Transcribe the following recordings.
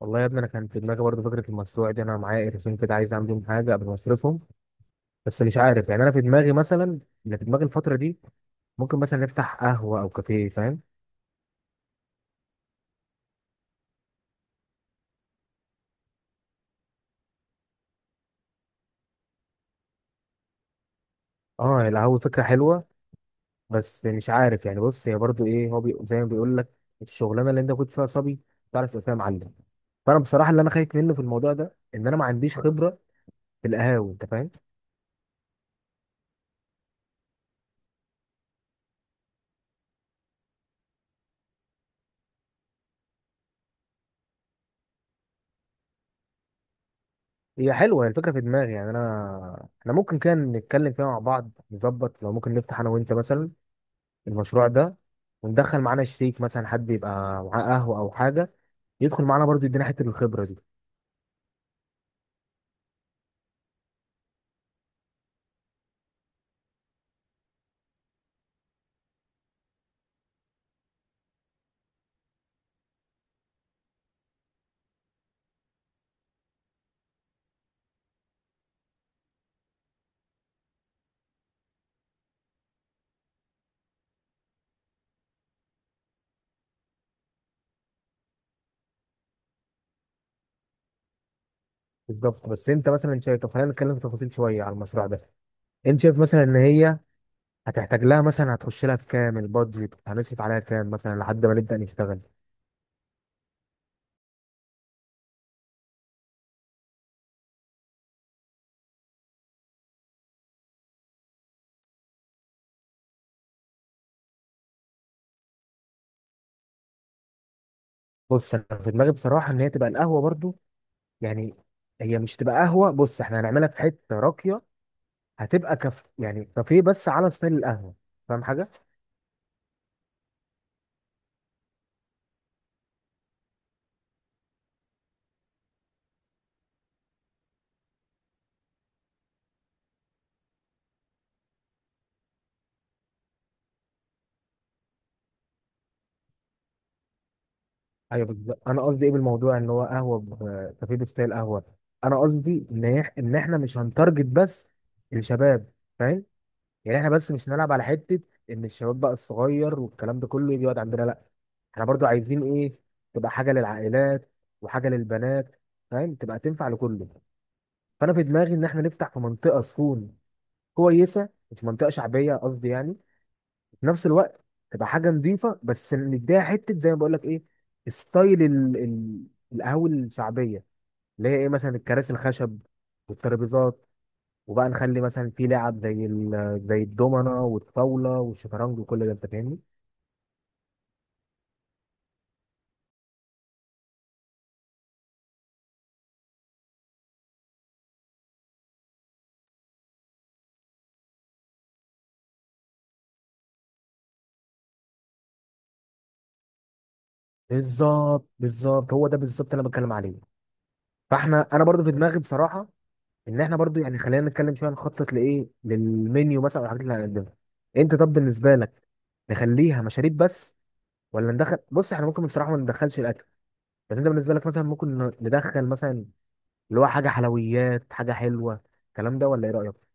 والله يا ابني انا كان في دماغي برضه فكره المشروع دي. انا معايا قرشين كده، عايز اعمل بيهم حاجه قبل ما اصرفهم. بس مش عارف، يعني انا في دماغي مثلا، اللي في دماغي الفتره دي ممكن مثلا نفتح قهوه او كافيه، فاهم؟ اه، القهوه فكره حلوه، بس مش عارف يعني. بص، هي برضه ايه هو زي ما بيقول لك، الشغلانه اللي انت كنت فيها صبي تعرف تبقى فيها معلم. فانا بصراحه اللي انا خايف منه في الموضوع ده ان انا ما عنديش خبره في القهاوي، انت فاهم؟ هي حلوه هي الفكره في دماغي، يعني انا احنا ممكن كان نتكلم فيها مع بعض، نظبط لو ممكن نفتح انا وانت مثلا المشروع ده، وندخل معانا شريك مثلا، حد يبقى معاه قهوه او حاجه، يدخل معانا برضه يدينا حته الخبره دي. بالظبط، بس انت مثلا شايف؟ طب خلينا نتكلم في تفاصيل شويه على المشروع ده. انت شايف مثلا ان هي هتحتاج لها مثلا، هتخش لها في كام؟ البادجت هنصرف عليها كام مثلا لحد ما نبدا نشتغل؟ بص انا في دماغي بصراحه ان هي تبقى القهوه برضه، يعني هي مش تبقى قهوه. بص احنا هنعملها في حته راقيه، هتبقى كف يعني كافيه بس على ستايل القهوه، فاهم حاجه؟ ايوه بالظبط، انا قصدي ايه بالموضوع؟ ان هو قهوه كافيه ستايل قهوه. انا قصدي ان ان احنا مش هنتارجت بس الشباب، فاهم؟ يعني احنا بس مش هنلعب على حته ان الشباب بقى الصغير والكلام ده كله يجي يقعد عندنا، لا. احنا برضو عايزين ايه؟ تبقى حاجه للعائلات وحاجه للبنات، فاهم؟ تبقى تنفع لكله. فانا في دماغي ان احنا نفتح في منطقه تكون كويسه، مش منطقه شعبيه قصدي يعني، في نفس الوقت تبقى حاجه نظيفه، بس نديها حته زي ما بقول لك ايه، ستايل القهوه الشعبيه، اللي هي ايه، مثلا الكراسي الخشب والترابيزات، وبقى نخلي مثلا في لعب زي زي الدومنه والطاوله والشطرنج وكل ده، انت فاهمني؟ بالظبط هو ده بالظبط اللي انا بتكلم عليه. فاحنا انا برضو في دماغي بصراحه ان احنا برضو يعني خلينا نتكلم شويه، نخطط لايه، للمنيو مثلا والحاجات اللي هنقدمها. انت طب بالنسبه لك نخليها مشاريب بس، ولا ندخل؟ بص احنا ممكن بصراحه ما ندخلش الاكل، بس انت بالنسبه لك مثلا ممكن ندخل مثلا اللي هو حاجه حلويات، حاجه حلوه الكلام ده، ولا ايه رايك؟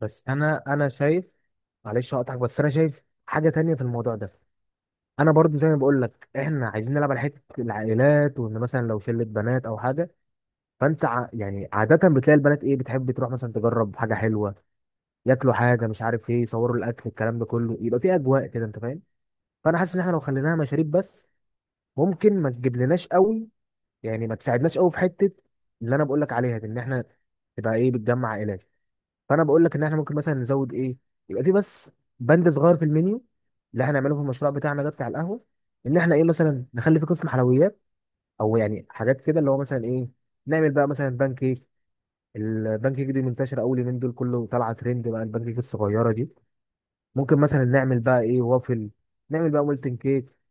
بس انا انا شايف، معلش هقطعك، بس انا شايف حاجه تانية في الموضوع ده. انا برضو زي ما بقول لك احنا عايزين نلعب على حته العائلات، وان مثلا لو شله بنات او حاجه، فانت يعني عاده بتلاقي البنات ايه، بتحب تروح مثلا تجرب حاجه حلوه، ياكلوا حاجه مش عارف ايه، يصوروا الاكل الكلام ده كله، يبقى في اجواء كده، انت فاهم؟ فانا حاسس ان احنا لو خليناها مشاريب بس ممكن ما تجيبلناش قوي، يعني ما تساعدناش قوي في حته اللي انا بقول لك عليها دي، ان احنا تبقى ايه، بتجمع عائلات. فانا بقول لك ان احنا ممكن مثلا نزود ايه، يبقى في بس بند صغير في المنيو اللي احنا هنعمله في المشروع بتاعنا ده بتاع القهوه، ان احنا ايه مثلا نخلي في قسم حلويات، او يعني حاجات كده، اللي هو مثلا ايه، نعمل بقى مثلا بان كيك. البان كيك دي منتشره، اول يومين دول كله طالعه ترند بقى البان كيك الصغيره دي. ممكن مثلا نعمل بقى ايه، وافل. نعمل بقى مولتن كيك.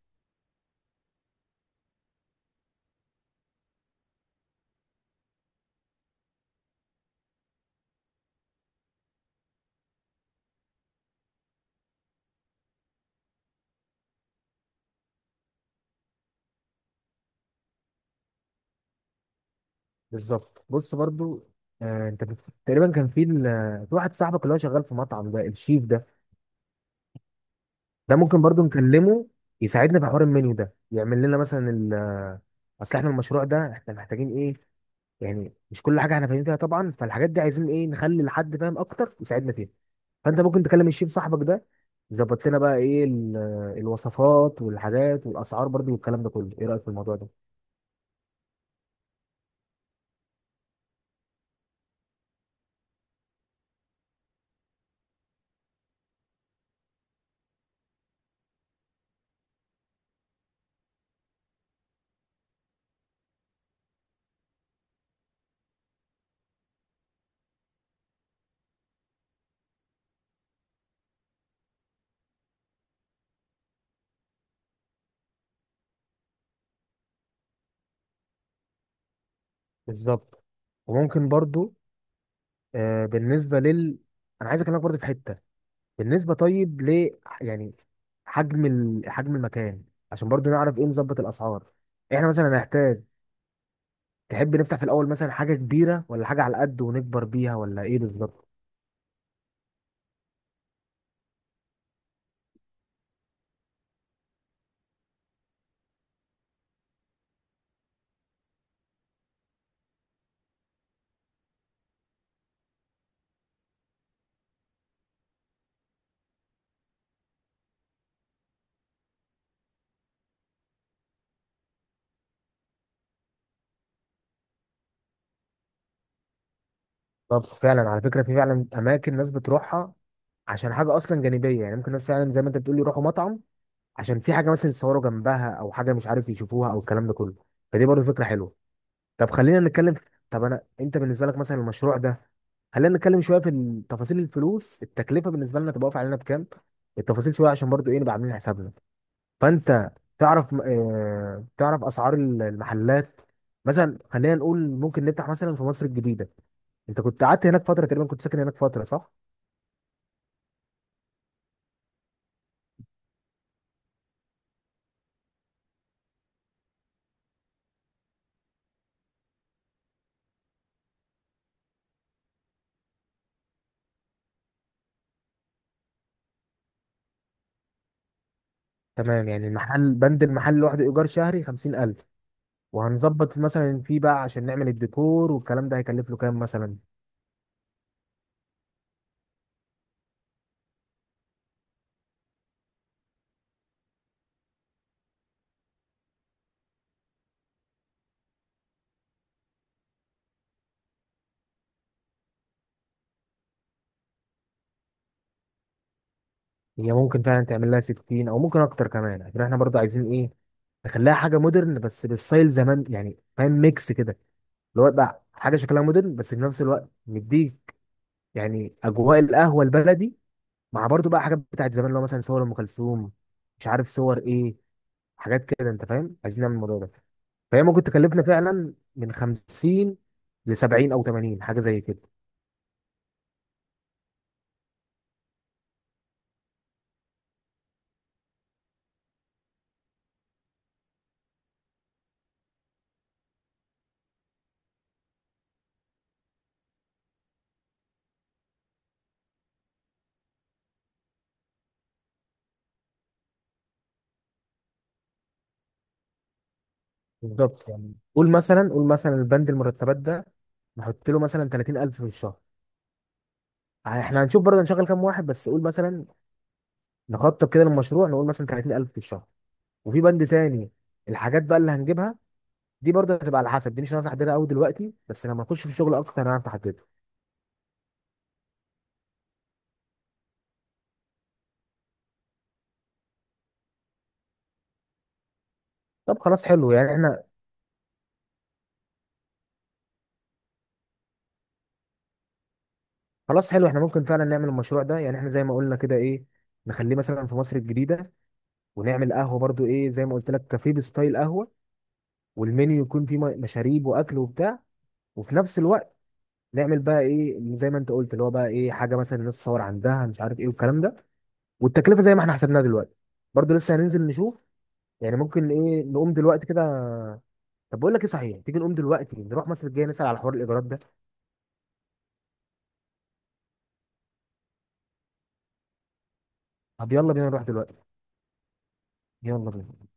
بالظبط. بص برضو، انت تقريبا كان في في واحد صاحبك اللي هو شغال في مطعم ده، الشيف ده. ده ممكن برضو نكلمه يساعدنا في حوار المنيو ده، يعمل لنا مثلا ال آه، اصل احنا المشروع ده احنا محتاجين ايه، يعني مش كل حاجه احنا فاهمين فيها طبعا، فالحاجات دي عايزين ايه، نخلي لحد فاهم اكتر يساعدنا فيها. فانت ممكن تكلم الشيف صاحبك ده يظبط لنا بقى ايه الوصفات والحاجات والاسعار برضو والكلام ده كله. ايه رايك في الموضوع ده؟ بالظبط، وممكن برضو، بالنسبه لل، انا عايز اكلمك برضو في حته، بالنسبة طيب ل، يعني حجم حجم المكان، عشان برضو نعرف ايه، نظبط الأسعار. احنا مثلا هنحتاج، تحب نفتح في الأول مثلا حاجة كبيرة ولا حاجة على قد ونكبر بيها، ولا ايه بالظبط؟ طب فعلا على فكرة، في فعلا أماكن ناس بتروحها عشان حاجة أصلا جانبية، يعني ممكن ناس فعلا زي ما أنت بتقول يروحوا مطعم عشان في حاجة مثلا يتصوروا جنبها، أو حاجة مش عارف يشوفوها، أو الكلام ده كله. فدي برضو فكرة حلوة. طب خلينا نتكلم، طب انا انت بالنسبه لك مثلا المشروع ده، خلينا نتكلم شويه في تفاصيل الفلوس، التكلفه بالنسبه لنا تبقى واقفه علينا بكام، التفاصيل شويه عشان برضو ايه، نبقى عاملين حسابنا. فانت تعرف تعرف اسعار المحلات؟ مثلا خلينا نقول ممكن نفتح مثلا في مصر الجديده، انت كنت قعدت هناك فتره، تقريبا كنت ساكن هناك فتره، صح؟ تمام، يعني المحل، بند المحل لوحده ايجار شهري 50,000. وهنظبط مثلا فيه بقى عشان نعمل الديكور والكلام ده، هيكلف له كام مثلا؟ هي ممكن فعلا تعمل لها 60 او ممكن اكتر كمان، عشان احنا برضه عايزين ايه، نخليها حاجه مودرن بس بالستايل زمان، يعني فاهم، ميكس كده، اللي هو بقى حاجه شكلها مودرن بس في نفس الوقت مديك يعني اجواء القهوه البلدي، مع برضه بقى حاجات بتاعت زمان، اللي هو مثلا صور ام كلثوم، مش عارف صور ايه، حاجات كده انت فاهم، عايزين نعمل الموضوع ده. فهي ممكن تكلفنا فعلا من 50 ل 70 او 80، حاجه زي كده. بالظبط، يعني قول مثلا، قول مثلا البند المرتبات ده نحط له مثلا 30,000 في الشهر. احنا هنشوف برضه هنشغل كام واحد، بس قول مثلا نخطط كده للمشروع، نقول مثلا 30,000 في الشهر. وفي بند تاني، الحاجات بقى اللي هنجيبها، دي برضه هتبقى على حسب، دي مش هنعرف نحددها قوي دلوقتي، بس لما نخش في الشغل اكتر هنعرف نحددها. طب خلاص حلو يعني احنا، خلاص حلو احنا ممكن فعلا نعمل المشروع ده. يعني احنا زي ما قلنا كده ايه، نخليه مثلا في مصر الجديدة، ونعمل قهوة برضه ايه زي ما قلت لك، كافيه بستايل قهوة، والمنيو يكون فيه مشاريب واكل وبتاع، وفي نفس الوقت نعمل بقى ايه زي ما انت قلت، اللي هو بقى ايه، حاجة مثلا الناس تصور عندها، مش عارف ايه والكلام ده. والتكلفه زي ما احنا حسبناها دلوقتي برضه لسه هننزل نشوف، يعني ممكن ايه نقوم دلوقتي كده. طب بقول لك ايه صحيح، تيجي نقوم دلوقتي نروح مصر الجايه نسال على حوار الايجارات ده؟ طب يلا بينا نروح دلوقتي. يلا بينا.